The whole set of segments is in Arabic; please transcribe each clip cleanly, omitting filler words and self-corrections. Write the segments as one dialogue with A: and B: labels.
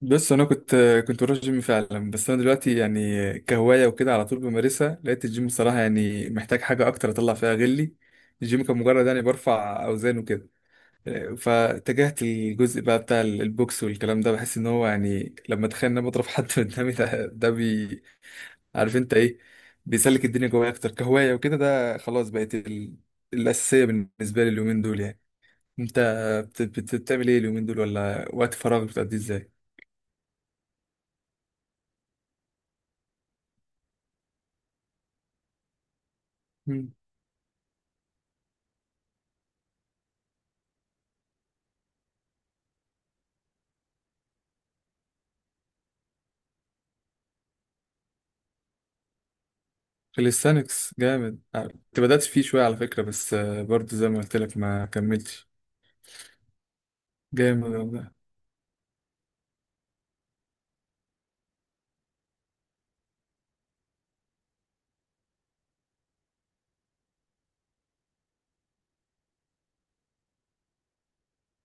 A: بس انا كنت بروح الجيم فعلا. بس انا دلوقتي يعني كهوايه وكده على طول بمارسها، لقيت الجيم الصراحه يعني محتاج حاجه اكتر اطلع فيها. غلي الجيم كان مجرد يعني برفع اوزان وكده، فاتجهت الجزء بقى بتاع البوكس والكلام ده. بحس ان هو يعني لما اتخيل ان انا بضرب حد قدامي ده، عارف انت ايه، بيسلك الدنيا جوايا اكتر. كهوايه وكده ده خلاص بقت الاساسيه بالنسبه لي اليومين دول يعني. انت بتعمل ايه اليومين دول، ولا وقت فراغ بتقضيه ازاي؟ كاليستانكس جامد. كنت بدأت فيه شوية على فكرة بس، برضه زي ما قلت لك ما كملتش. جامد والله.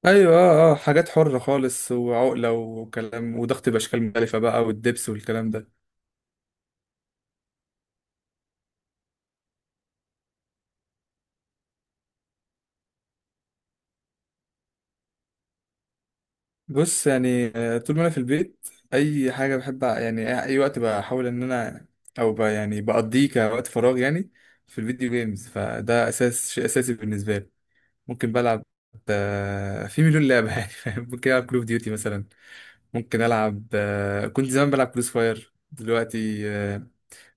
A: ايوه، حاجات حرة خالص، وعقلة وكلام وضغط بأشكال مختلفة بقى، والدبس والكلام ده. بص يعني، طول ما انا في البيت اي حاجة بحب يعني، اي وقت بحاول ان انا او يعني بقضيه كوقت فراغ يعني. في الفيديو جيمز، فده اساس شيء اساسي بالنسبة لي. ممكن بلعب في مليون لعبة يعني فاهم؟ ممكن العب كول اوف ديوتي مثلا. ممكن العب كنت زمان بلعب كروس فاير. دلوقتي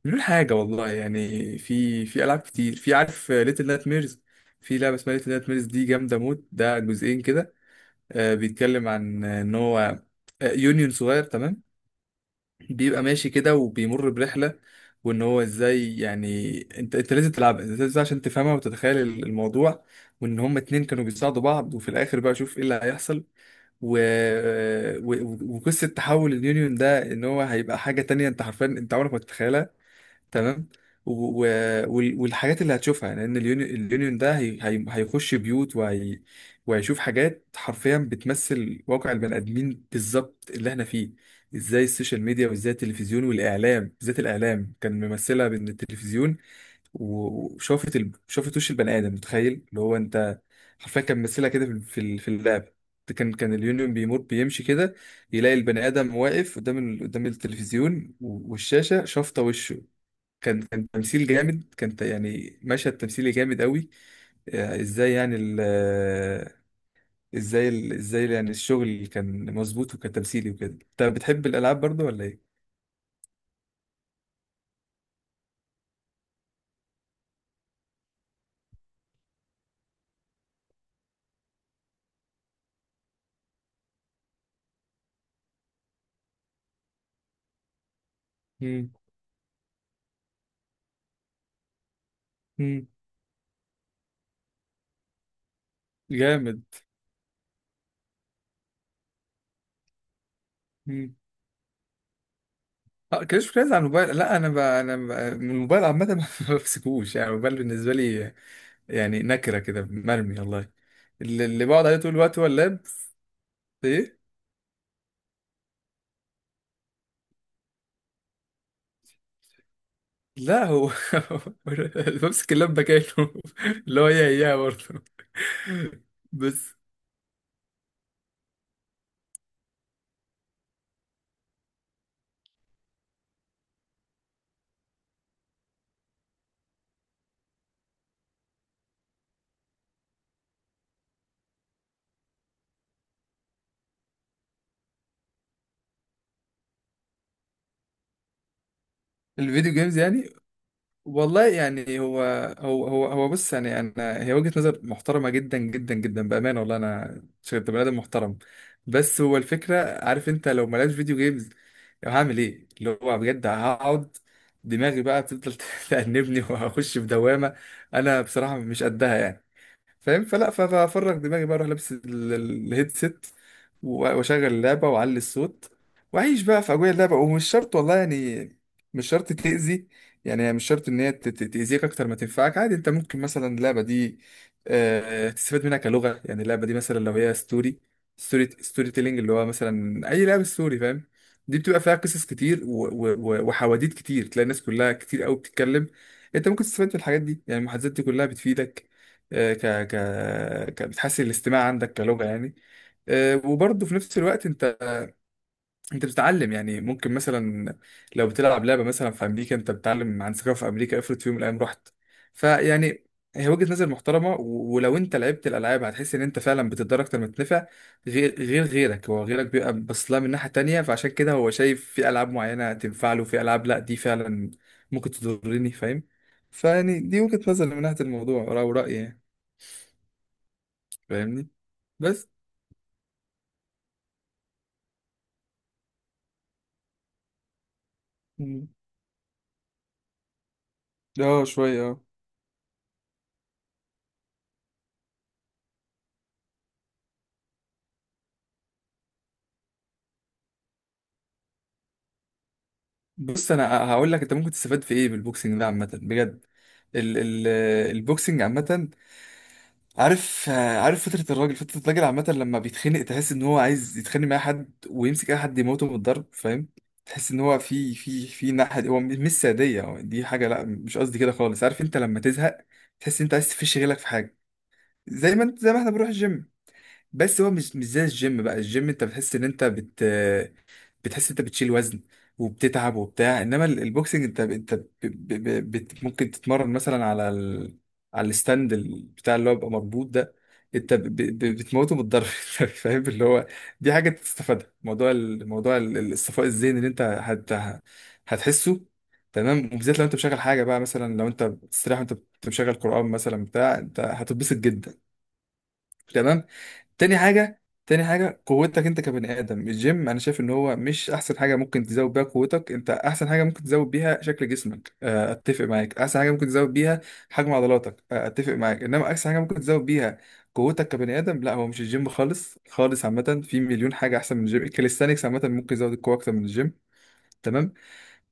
A: بدون حاجه والله. يعني في العاب كتير، في، عارف ليتل نايت ميرز. في لعبه اسمها ليتل نايت ميرز، دي جامده موت. ده جزئين كده، بيتكلم عن ان هو يونيون صغير. تمام. بيبقى ماشي كده وبيمر برحله. وان هو ازاي يعني، انت لازم تلعبها، انت لازم عشان تفهمها وتتخيل الموضوع. وان هما اتنين كانوا بيساعدوا بعض، وفي الاخر بقى شوف ايه اللي هيحصل. و... وقصة تحول اليونيون ده ان هو هيبقى حاجة تانية، انت حرفيا انت عمرك ما تتخيلها. تمام. و... و... والحاجات اللي هتشوفها لان اليونيون ده هيخش بيوت، وهيشوف حاجات حرفيا بتمثل واقع البني ادمين بالظبط اللي احنا فيه. ازاي السوشيال ميديا، وازاي التلفزيون والاعلام، بالذات الاعلام كان ممثلها بان التلفزيون وشافت شافت وش البني ادم متخيل اللي هو انت. حرفيا كان مثلها كده في في اللعب. كان اليونيون بيمشي كده، يلاقي البني ادم واقف قدام قدام التلفزيون والشاشه شافطه وشه. كان تمثيل جامد، كان يعني مشهد تمثيلي جامد قوي. ازاي يعني ال... آه، ازاي ال... ازاي يعني الشغل كان مظبوط، وكان تمثيلي وكده. انت بتحب الالعاب برضه ولا ايه؟ مم. مم. جامد. اه، كلاش اوف على الموبايل، لا انا من الموبايل عامه ما بمسكوش. يعني الموبايل بالنسبه لي يعني نكره كده، مرمي والله. اللي بقعد عليه طول الوقت هو اللاب. ايه، لا هو اللي بمسك اللاب بكاله اللي هو هي برضه. بس الفيديو جيمز يعني، والله يعني، هو بص يعني انا، هي وجهة نظر محترمة جدا جدا جدا بأمانة والله. انا شفت بني ادم محترم. بس هو الفكرة، عارف انت لو ملعبش فيديو جيمز، لو هعمل ايه اللي هو بجد. هقعد دماغي بقى بتفضل تأنبني، وهخش في دوامة. انا بصراحة مش قدها يعني. فاهم. فلا، فافرغ دماغي بقى، اروح لابس الهيدسيت واشغل اللعبه واعلي الصوت، واعيش بقى في اجواء اللعبه. ومش شرط والله يعني، مش شرط تاذي. يعني هي مش شرط ان هي تاذيك اكتر ما تنفعك، عادي. انت ممكن مثلا اللعبه دي تستفاد منها كلغه يعني. اللعبه دي مثلا لو هي ستوري تيلينج اللي هو مثلا اي لعبه ستوري، فاهم. دي بتبقى فيها قصص كتير، وحواديت كتير. تلاقي الناس كلها كتير قوي بتتكلم. انت ممكن تستفاد من الحاجات دي يعني المحادثات دي كلها بتفيدك. آه، ك ك ك بتحسن الاستماع عندك كلغة يعني. وبرضه في نفس الوقت انت بتتعلم يعني، ممكن مثلا. لو بتلعب لعبة مثلا في امريكا، انت بتتعلم عن ثقافة في امريكا. افرض في يوم من الايام رحت، فيعني هي وجهة نظر محترمة. ولو انت لعبت الالعاب هتحس ان انت فعلا بتتضرر اكتر ما تنفع. غير غير غيرك، هو غيرك بيبقى بص لها من ناحية تانية. فعشان كده هو شايف في العاب معينة تنفع له، في العاب لا دي فعلا ممكن تضرني، فاهم. فيعني دي وجهة نظر من ناحية الموضوع او رأيي يعني، فاهمني. بس. مم. اه شويه اه. بص، انا هقول لك انت ممكن تستفاد في ايه بالبوكسنج ده عامه بجد. ال ال البوكسنج عامه. عارف عارف. فتره الراجل عامه لما بيتخنق، تحس ان هو عايز يتخانق مع أي حد ويمسك اي حد يموته من الضرب، فاهم. تحس ان هو في ناحيه، هو مش ساديه هو، دي حاجه لا مش قصدي كده خالص. عارف انت لما تزهق تحس ان انت عايز تفش غيرك في حاجه. زي ما انت، زي ما احنا بنروح الجيم. بس هو مش زي الجيم بقى، الجيم انت بتحس ان انت بتحس انت بتشيل وزن وبتتعب وبتاع. انما البوكسنج، انت ممكن تتمرن مثلا على على الستاند بتاع اللي هو بيبقى مربوط ده. انت بتموته بالضرب انت فاهم اللي هو دي حاجه تستفادها. موضوع الصفاء الذهني اللي انت هتحسه. تمام. وبالذات لو انت مشغل حاجه بقى، مثلا لو انت بتستريح وانت مشغل قران مثلا بتاع، انت هتتبسط جدا. تمام. تاني حاجة، قوتك انت كبني ادم، الجيم انا شايف ان هو مش احسن حاجة ممكن تزود بيها قوتك. انت احسن حاجة ممكن تزود بيها شكل جسمك، اتفق معاك. احسن حاجة ممكن تزود بيها حجم عضلاتك، اتفق معاك. انما احسن حاجة ممكن تزود بيها قوتك كبني ادم، لا هو مش الجيم خالص خالص. عامة في مليون حاجة احسن من الجيم. الكاليستانكس عامة ممكن يزود القوة اكتر من الجيم. تمام.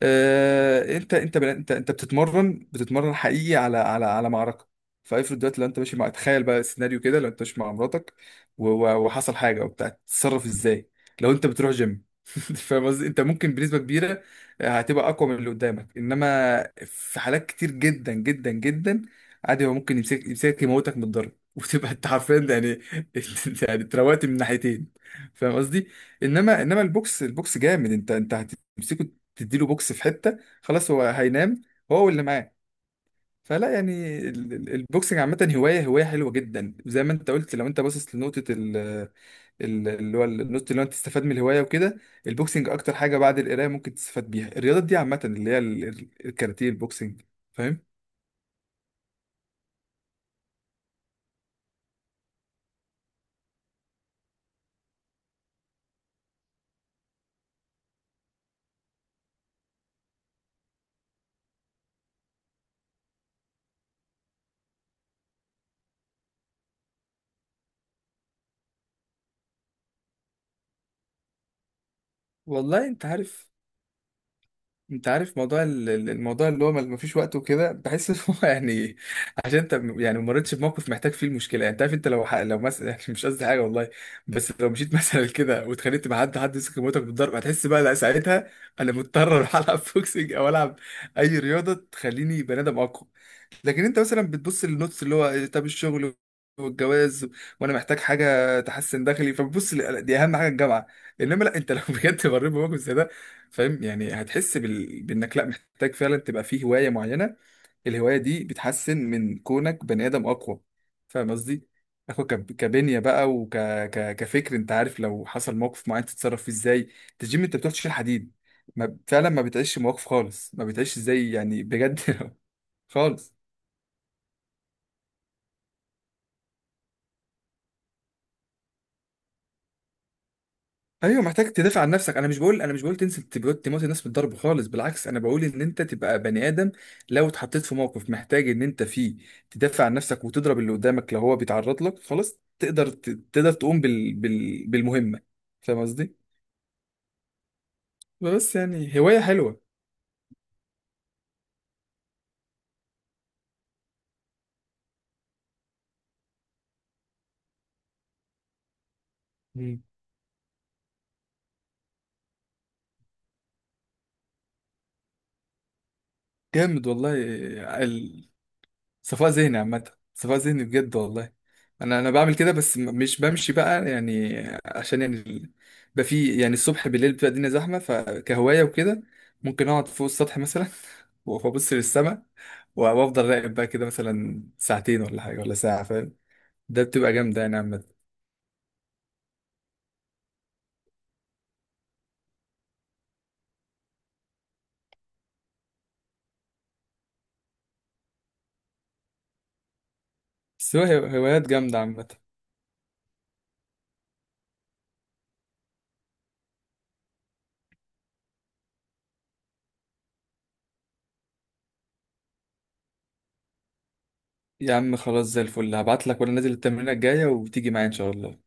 A: انت انت بل- انت انت بتتمرن حقيقي على معركه. فافرض دلوقتي لو انت ماشي مع، تخيل بقى سيناريو كده، لو انت ماشي مع مراتك وحصل حاجه وبتاع، تتصرف ازاي لو انت بتروح جيم فاهم قصدي. انت ممكن بنسبه كبيره هتبقى اقوى من اللي قدامك. انما في حالات كتير جدا جدا جدا عادي، هو ممكن يمسكك يموتك من الضرب وتبقى انت حرفيا يعني انت يعني اتروقت من ناحيتين. فاهم قصدي. انما البوكس جامد، انت هتمسكه تديله بوكس في حته، خلاص هو هينام هو واللي معاه. فلا يعني، البوكسنج عامه، هوايه حلوه جدا. زي ما انت قلت، لو انت باصص لنقطه اللي هو النقطه اللي هو انت تستفاد من الهوايه وكده. البوكسنج اكتر حاجه بعد القرايه ممكن تستفاد بيها. الرياضات دي عامه اللي هي الكاراتيه، البوكسنج، فاهم. والله انت عارف، موضوع الموضوع اللي هو ما فيش وقت وكده، بحس ان هو يعني عشان انت يعني ما مريتش بموقف محتاج فيه المشكله يعني. انت عارف، انت لو لو مثلا يعني مش قصدي حاجه والله. بس لو مشيت مثلا كده واتخانقت مع حد، حد يمسك موتك بالضرب، هتحس بقى لا ساعتها. انا مضطر اروح العب بوكسنج، او العب اي رياضه تخليني بني ادم اقوى. لكن انت مثلا بتبص للنوتس اللي هو طب الشغل والجواز، وانا محتاج حاجه تحسن دخلي، فبتبص دي اهم حاجه الجامعه. انما لا، انت لو بجد مريت بموقف زي ده، فاهم يعني هتحس بانك لا محتاج فعلا تبقى فيه هوايه معينه. الهوايه دي بتحسن من كونك بني ادم اقوى، فاهم قصدي. اخو كبنيه بقى، كفكر انت عارف لو حصل موقف معين تتصرف فيه ازاي. انت الجيم انت بتروح تشيل حديد، ما... فعلا ما بتعيش مواقف خالص. ما بتعيش ازاي يعني بجد خالص. ايوه، محتاج تدافع عن نفسك. انا مش بقول، تنزل تبقى تموت الناس بالضرب خالص، بالعكس. انا بقول ان انت تبقى بني ادم، لو اتحطيت في موقف محتاج ان انت فيه تدافع عن نفسك وتضرب اللي قدامك لو هو بيتعرض لك، خلاص تقدر تقدر تقوم بالمهمه، فاهم قصدي. بس يعني هوايه حلوه. مم. جامد والله، صفاء ذهني عامة، صفاء ذهني بجد والله. انا بعمل كده بس مش بمشي بقى يعني. عشان يعني بقى في يعني الصبح بالليل بتبقى الدنيا زحمة، فكهواية وكده. ممكن اقعد فوق السطح مثلا وابص للسما وافضل راقب بقى كده مثلا ساعتين ولا حاجة ولا ساعة، فاهم. ده بتبقى جامدة يعني عامة. بس هوايات جامدة عامة. يا عم خلاص، زي الفل، هبعت لك وانا نازل التمرينة الجاية وتيجي معايا ان شاء الله.